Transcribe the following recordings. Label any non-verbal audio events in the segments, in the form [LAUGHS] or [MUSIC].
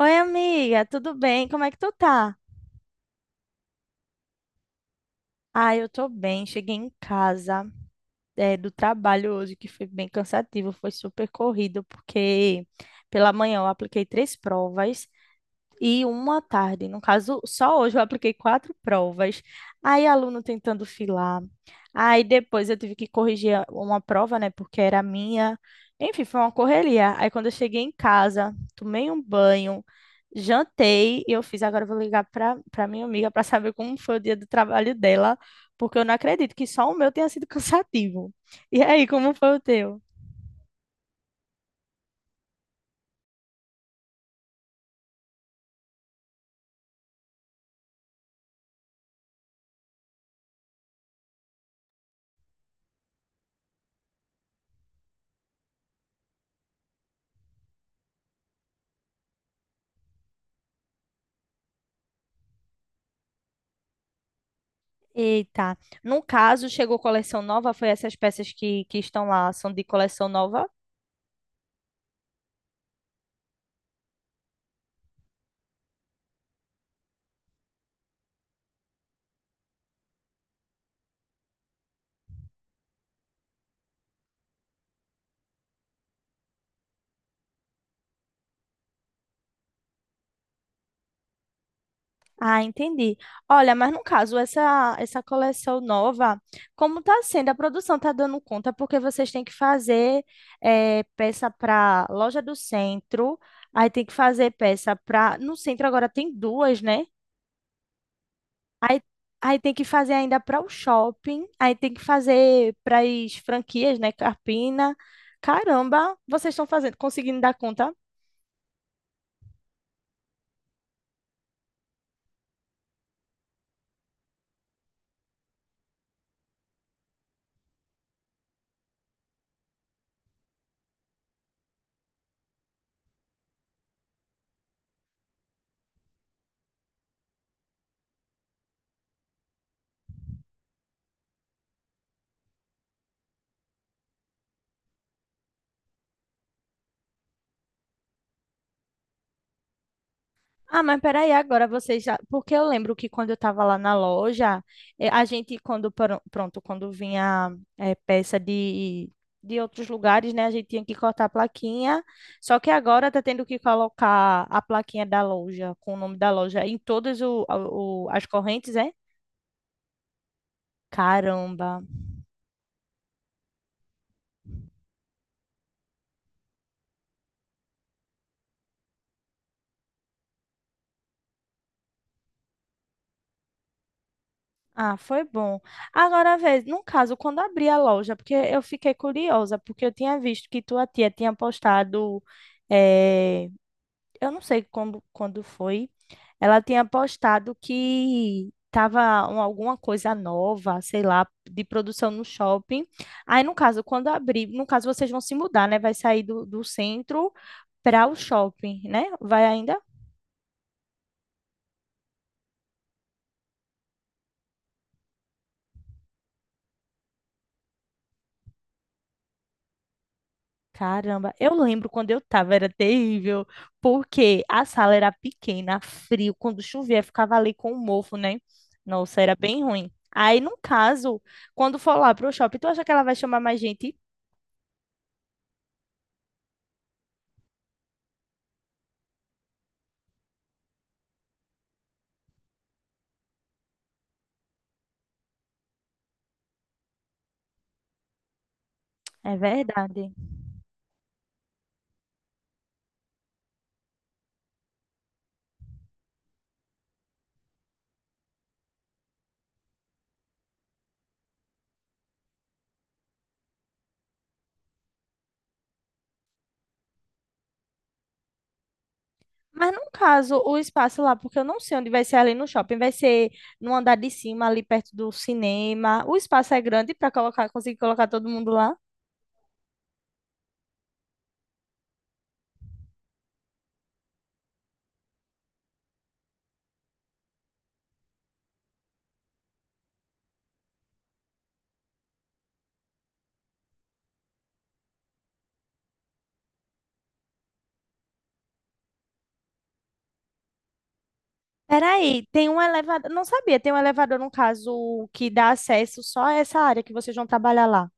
Oi, amiga, tudo bem? Como é que tu tá? Ah, eu tô bem. Cheguei em casa, do trabalho hoje, que foi bem cansativo, foi super corrido, porque pela manhã eu apliquei três provas e uma à tarde. No caso, só hoje eu apliquei quatro provas. Aí, aluno tentando filar. Aí, depois eu tive que corrigir uma prova, né? Porque era minha. Enfim, foi uma correria. Aí, quando eu cheguei em casa, tomei um banho, jantei e eu fiz. Agora, eu vou ligar para minha amiga para saber como foi o dia do trabalho dela, porque eu não acredito que só o meu tenha sido [LAUGHS] cansativo. E aí, como foi o teu? Eita. No caso, chegou coleção nova, foi essas peças que estão lá, são de coleção nova? Ah, entendi. Olha, mas no caso, essa coleção nova, como tá sendo? A produção tá dando conta, porque vocês têm que fazer peça para loja do centro, aí tem que fazer peça para. No centro agora tem duas, né? Aí, aí tem que fazer ainda para o shopping, aí tem que fazer para as franquias, né? Carpina. Caramba, vocês estão fazendo, conseguindo dar conta? Ah, mas peraí, agora vocês já. Porque eu lembro que quando eu estava lá na loja, a gente, quando, pronto, quando vinha peça de outros lugares, né, a gente tinha que cortar a plaquinha. Só que agora tá tendo que colocar a plaquinha da loja, com o nome da loja, em todas as correntes, é? Caramba. Ah, foi bom. Agora, vez, no caso, quando abri a loja, porque eu fiquei curiosa, porque eu tinha visto que tua tia tinha postado, eh, eu não sei quando foi, ela tinha postado que tava alguma coisa nova, sei lá, de produção no shopping. Aí, no caso, quando abrir, no caso, vocês vão se mudar, né? Vai sair do centro para o shopping, né? Vai ainda? Caramba, eu lembro quando eu tava, era terrível, porque a sala era pequena, frio, quando chovia ficava ali com o mofo, né? Nossa, era bem ruim. Aí, no caso, quando for lá pro shopping, tu acha que ela vai chamar mais gente? É verdade. Mas no caso, o espaço lá, porque eu não sei onde vai ser ali no shopping, vai ser no andar de cima, ali perto do cinema. O espaço é grande para colocar, conseguir colocar todo mundo lá. Peraí, tem um elevador. Não sabia, tem um elevador, no caso, que dá acesso só a essa área que vocês vão trabalhar lá.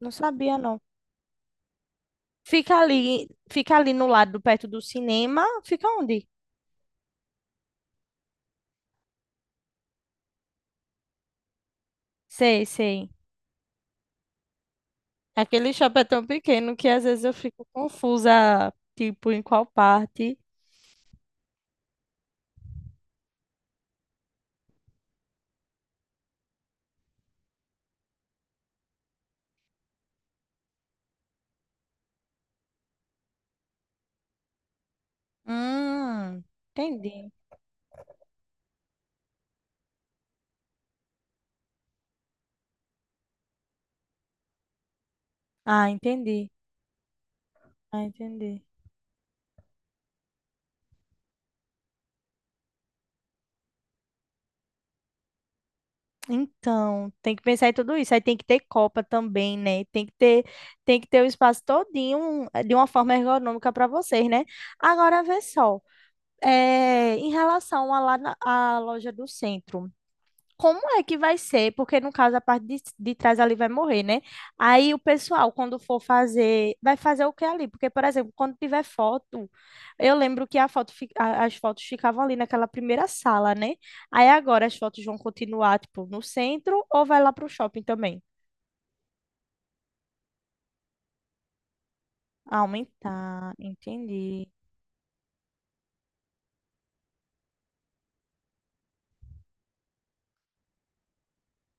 Não sabia, não. Fica ali no lado, perto do cinema. Fica onde? Sei, sei. Aquele shopping é tão pequeno que às vezes eu fico confusa, tipo, em qual parte. Hum, entendi. Ah, entendi. Ah, entendi. Então, tem que pensar em tudo isso. Aí tem que ter copa também, né? Tem que ter o espaço todinho de uma forma ergonômica para vocês, né? Agora, vê só. Em relação à lá à loja do centro. Como é que vai ser? Porque no caso a parte de trás ali vai morrer, né? Aí o pessoal, quando for fazer, vai fazer o que ali? Porque, por exemplo, quando tiver foto, eu lembro que a foto, fi- a- as fotos ficavam ali naquela primeira sala, né? Aí agora as fotos vão continuar, tipo, no centro ou vai lá pro shopping também? Aumentar, entendi.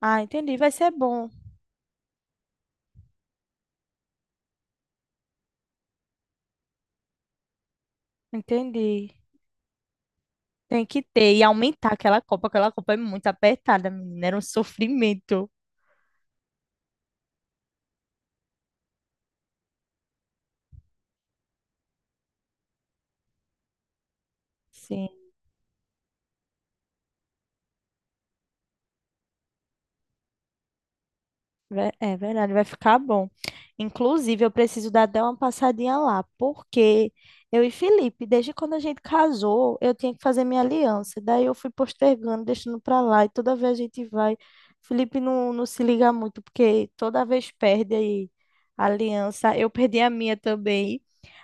Ah, entendi, vai ser bom. Entendi. Tem que ter e aumentar aquela copa é muito apertada, menina, era um sofrimento. Sim. Ve- É verdade, vai ficar bom. Inclusive, eu preciso dar até uma passadinha lá, porque eu e Felipe, desde quando a gente casou, eu tinha que fazer minha aliança. Daí eu fui postergando, deixando pra lá, e toda vez a gente vai. Felipe não, não se liga muito, porque toda vez perde aí a aliança. Eu perdi a minha também.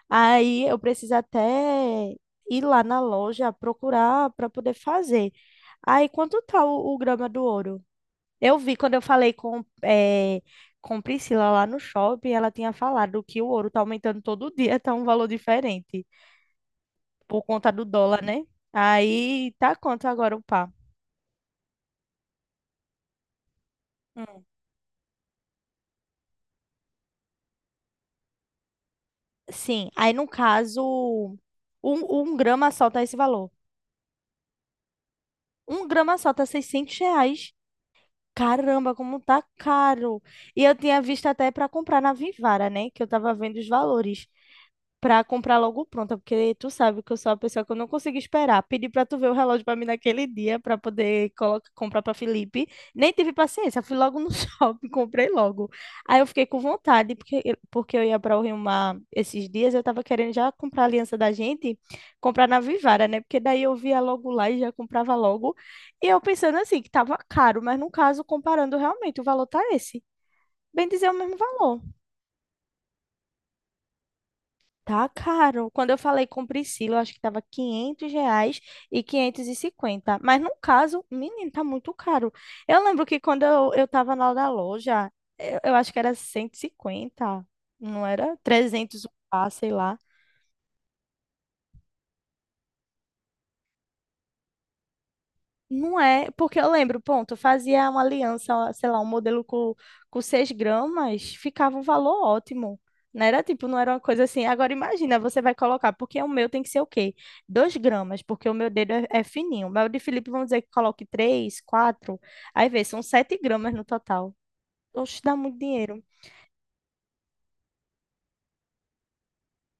Aí eu preciso até ir lá na loja procurar para poder fazer. Aí, quanto tá o grama do ouro? Eu vi quando eu falei com Priscila lá no shopping, ela tinha falado que o ouro tá aumentando todo dia, tá um valor diferente, por conta do dólar, né? Aí tá quanto agora o pá? Hum. Sim, aí no caso, um grama só tá esse valor. Um grama só tá R$ 600. Caramba, como tá caro. E eu tinha visto até para comprar na Vivara, né? Que eu tava vendo os valores. Pra comprar logo pronta, porque tu sabe que eu sou a pessoa que eu não consigo esperar. Pedi pra tu ver o relógio pra mim naquele dia, pra poder colocar, comprar pra Felipe. Nem tive paciência, fui logo no [LAUGHS] shopping, comprei logo. Aí eu fiquei com vontade, porque eu ia pra o Rio Mar esses dias, eu tava querendo já comprar a aliança da gente, comprar na Vivara, né? Porque daí eu via logo lá e já comprava logo. E eu pensando assim, que tava caro, mas no caso, comparando realmente, o valor tá esse. Bem dizer, o mesmo valor. Tá caro. Quando eu falei com Priscila, eu acho que tava R$ 500 e 550. Mas no caso, menino, tá muito caro. Eu lembro que quando eu tava lá da loja, eu acho que era 150, não era? 300 o par, sei lá. Não é, porque eu lembro, ponto, eu fazia uma aliança, sei lá, um modelo com 6 gramas, ficava um valor ótimo. Não era tipo, não era uma coisa assim. Agora imagina, você vai colocar, porque o meu tem que ser o quê? 2 gramas, porque o meu dedo é fininho. Mas o de Felipe, vamos dizer que coloque três, quatro, aí vê, são 7 gramas no total. Oxe, dá muito dinheiro.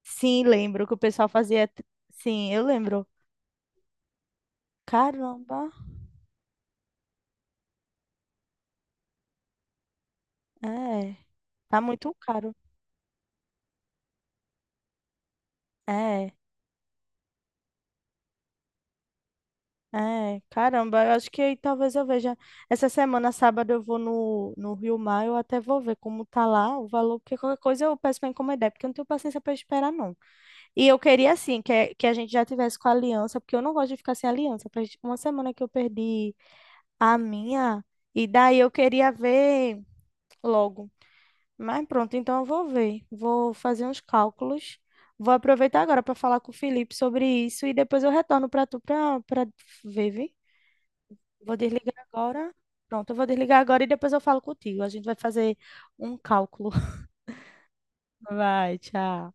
Sim, lembro que o pessoal fazia. Sim, eu lembro. Caramba, é, tá muito caro. É. É, caramba, eu acho que aí talvez eu veja. Essa semana, sábado, eu vou no, no Rio Mar, eu até vou ver como tá lá o valor, porque qualquer coisa eu peço para encomendar, porque eu não tenho paciência para esperar, não. E eu queria, assim, que a gente já tivesse com a aliança, porque eu não gosto de ficar sem aliança. Faz uma semana que eu perdi a minha, e daí eu queria ver logo. Mas pronto, então eu vou ver. Vou fazer uns cálculos. Vou aproveitar agora para falar com o Felipe sobre isso e depois eu retorno para tu para ver, viu? Vou desligar agora. Pronto, eu vou desligar agora e depois eu falo contigo. A gente vai fazer um cálculo. [LAUGHS] Vai, tchau.